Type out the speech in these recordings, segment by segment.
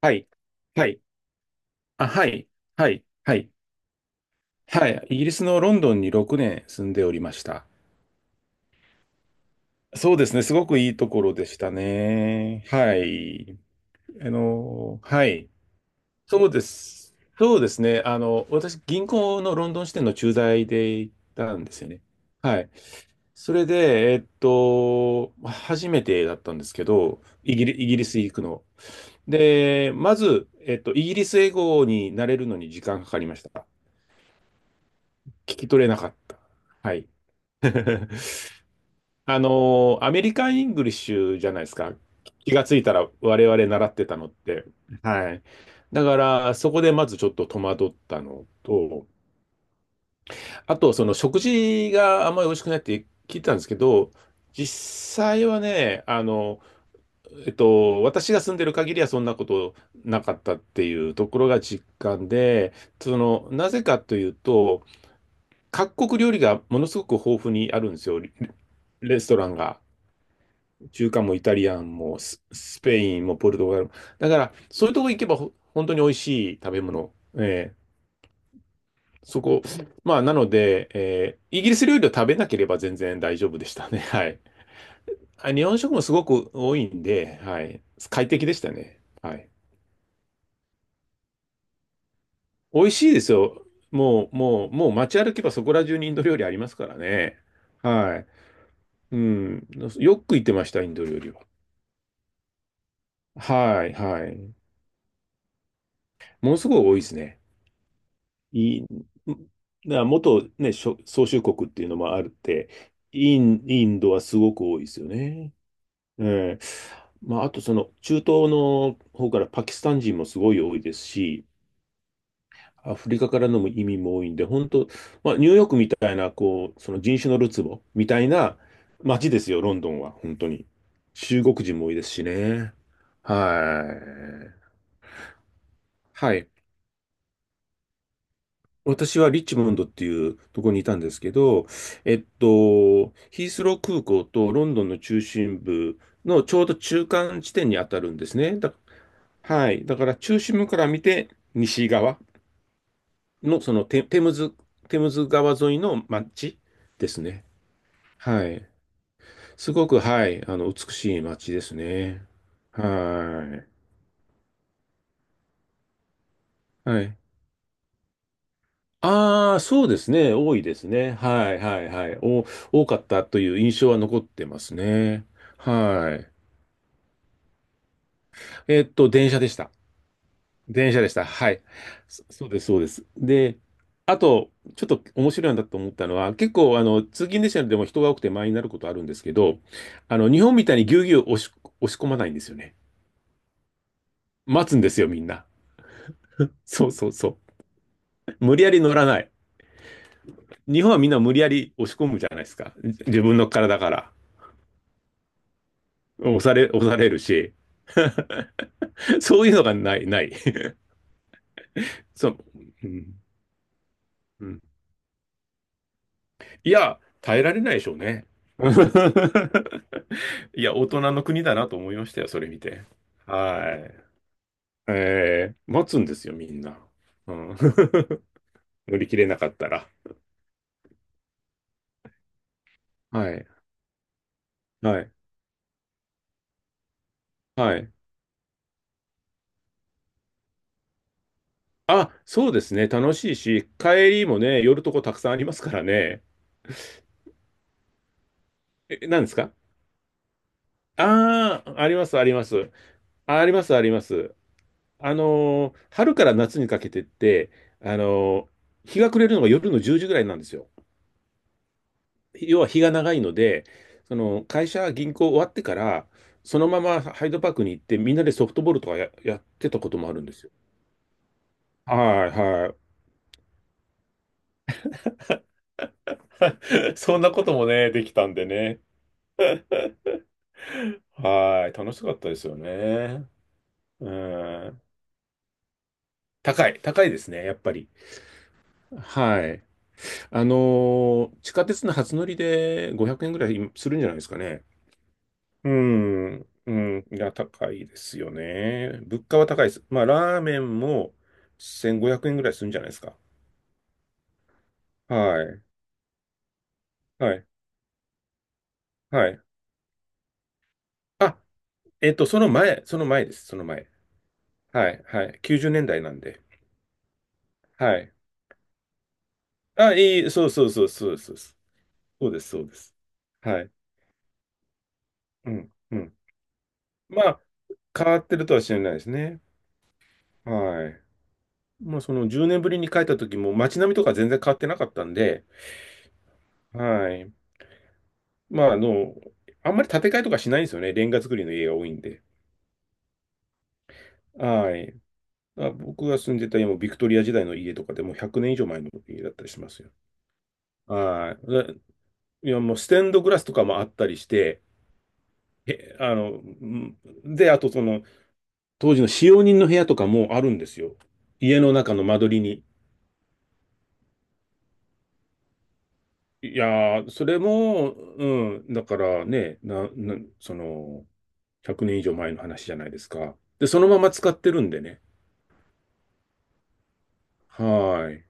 はい。はい。あ、はい。はい。はい。はい。イギリスのロンドンに6年住んでおりました。そうですね。すごくいいところでしたね。はい。はい。そうです。そうですね。私、銀行のロンドン支店の駐在で行ったんですよね。はい。それで、初めてだったんですけど、イギリス行くの。で、まず、イギリス英語になれるのに時間かかりました。聞き取れなかった。はい。アメリカン・イングリッシュじゃないですか。気がついたら我々習ってたのって。はい。だから、そこでまずちょっと戸惑ったのと、あと、その食事があんまり美味しくないって聞いたんですけど、実際はね、私が住んでる限りはそんなことなかったっていうところが実感で、なぜかというと、各国料理がものすごく豊富にあるんですよ。レストランが、中華もイタリアンもスペインもポルトガルも。だから、そういうとこ行けば本当に美味しい食べ物。ええそこ、まあ、なので、イギリス料理を食べなければ全然大丈夫でしたね。はい。日本食もすごく多いんで、はい。快適でしたね。はい。美味しいですよ。もう、もう、もう街歩けばそこら中にインド料理ありますからね。はい。うん。よく行ってました、インド料理は。はい、はい。ものすごい多いですね。いい、な元、ね、しょ宗主国っていうのもあるって、インドはすごく多いですよね。ええまあ、あとその中東の方からパキスタン人もすごい多いですし、アフリカからの移民も多いんで、本当、まあ、ニューヨークみたいな、こう、その人種のるつぼみたいな街ですよ、ロンドンは、本当に。中国人も多いですしね。はい。はい。私はリッチモンドっていうところにいたんですけど、ヒースロー空港とロンドンの中心部のちょうど中間地点に当たるんですね。はい。だから中心部から見て西側のそのテムズ川沿いの街ですね。はい。すごく、はい。美しい街ですね。はい。はい。ああ、そうですね。多いですね。はいはいはい。多かったという印象は残ってますね。はい。電車でした。電車でした。はい。そうです、そうです。で、あと、ちょっと面白いなと思ったのは、結構、通勤電車でも人が多くて満員になることあるんですけど、日本みたいにぎゅうぎゅう押し込まないんですよね。待つんですよ、みんな。そうそうそう。無理やり乗らない。日本はみんな無理やり押し込むじゃないですか。自分の体から。押されるし、そういうのがない、ない。そう、うん、うん。いや、耐えられないでしょうね。いや、大人の国だなと思いましたよ、それ見て。はい。待つんですよ、みんな。うん。乗り切れなかったら。はい。はい。はい。あ、そうですね。楽しいし、帰りもね、寄るとこたくさんありますからね。え、何ですか？ああー、あります、あります。あります、あります。春から夏にかけてって、あのー日が暮れるのが夜の10時ぐらいなんですよ。要は日が長いので、その会社、銀行終わってから、そのままハイドパークに行って、みんなでソフトボールとかやってたこともあるんですよ。はいはい。そんなこともね、できたんでね。はい。楽しかったですよね。うん。高いですね、やっぱり。はい。地下鉄の初乗りで500円ぐらいするんじゃないですかね。うん、うん、いや、高いですよね。物価は高いです。まあ、ラーメンも1500円ぐらいするんじゃないですか。はい、はい、はい。あ、その前です、その前。はい、はい。90年代なんで。はい。あ、そうそうそう、そうです、そうです。そうです、そうです。はい。うん、うん。まあ、変わってるとは知らないですね。はい。まあ、その10年ぶりに帰った時も街並みとか全然変わってなかったんで、はい。まあ、あんまり建て替えとかしないんですよね。レンガ造りの家が多いんで。はい。あ、僕が住んでた家もビクトリア時代の家とかでもう100年以上前の家だったりしますよ。はい。でいや、もうステンドグラスとかもあったりして、え、うんで、あとその、当時の使用人の部屋とかもあるんですよ。家の中の間取りに。いやー、それも、うん、だからね、その、100年以上前の話じゃないですか。で、そのまま使ってるんでね。はーい。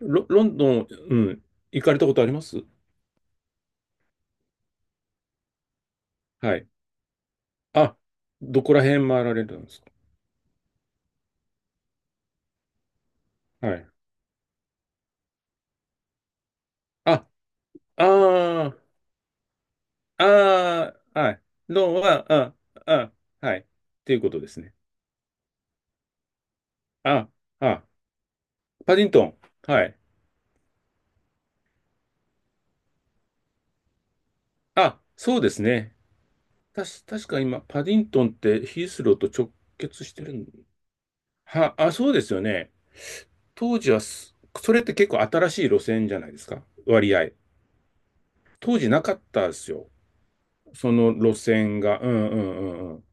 ロンドン、うん、行かれたことあります？はい。あ、どこら辺回られるんですか？はい。あ、ああ、ああ、はい。ロンは、あ、あ、はい。っていうことですね。あ、あ、パディントン。はい。あ、そうですね。確か今、パディントンってヒースローと直結してるんは、あ、そうですよね。当時はす、それって結構新しい路線じゃないですか。割合。当時なかったですよ。その路線が、うんうんうんうん。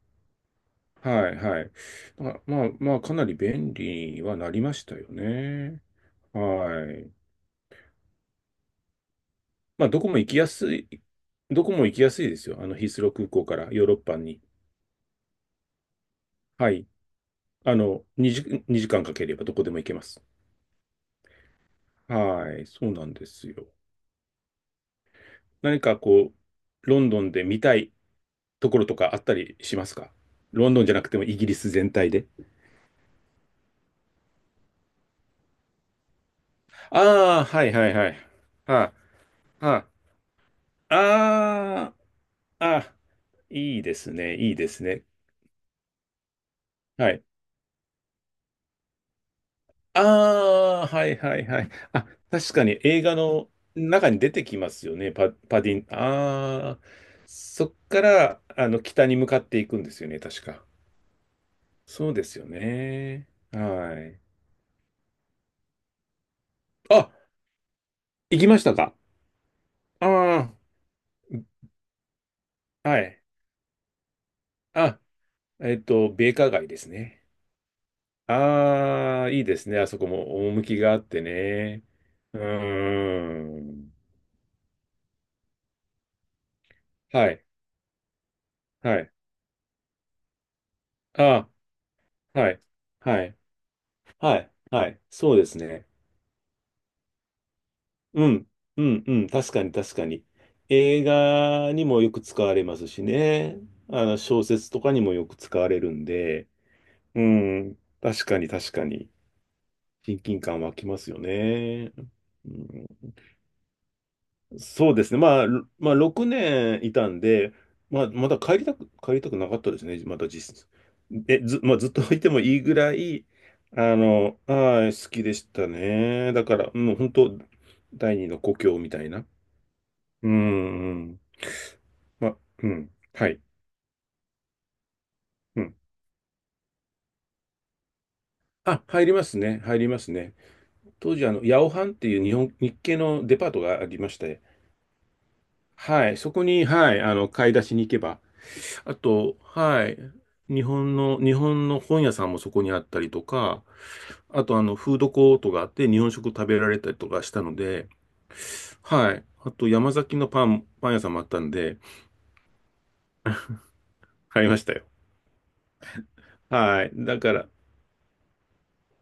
はいはい。まあまあまあ、かなり便利にはなりましたよね。はい。まあ、どこも行きやすいですよ。ヒースロー空港からヨーロッパに。はい。あの、2時、2時間かければどこでも行けます。はい。そうなんですよ。何かこう、ロンドンで見たいところとかあったりしますか？ロンドンじゃなくてもイギリス全体で。ああ、はいはいはい。はあ、はあ。ああ、あ、いいですね、いいですね。はい。ああ、はいはいはい。あ、確かに映画の中に出てきますよね、パ、パディン。ああ、そっから、北に向かっていくんですよね、確か。そうですよね。はい。あ、行きましたか？ああ、はい。あ、米花街ですね。ああ、いいですね。あそこも趣があってね。うーん。はい、はい。あはい。はい。はい。はい。そうですね。うん。うん。うん。確かに、確かに。映画にもよく使われますしね。小説とかにもよく使われるんで。うん。確かに、確かに。親近感湧きますよね。うん、そうですね。まあ、6年いたんで、まあ、まだ帰りたくなかったですね。まだ実質。え、ず、まあ、ずっといてもいいぐらい、はい、好きでしたね。だから、もう本当、第二の故郷みたいな。うん、うん。まあ、うん。はい。うん。あ、入りますね。入りますね。当時、ヤオハンっていう日系のデパートがありまして、はい、そこに、はい、買い出しに行けば、あと、はい。日本の本屋さんもそこにあったりとか、あと、フードコートがあって日本食食べられたりとかしたので、はい。あと、山崎のパン屋さんもあったんで、買いましたよ。はい。だから、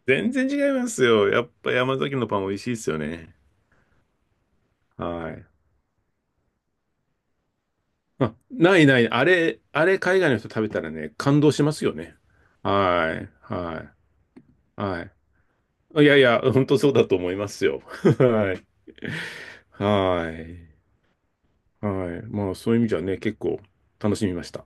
全然違いますよ。やっぱ山崎のパン美味しいですよね。はい。あ、ないない。あれ、あれ、海外の人食べたらね、感動しますよね。はい。はい。はい。いやいや、本当そうだと思いますよ。はい。はい。はい。まあ、そういう意味じゃね、結構楽しみました。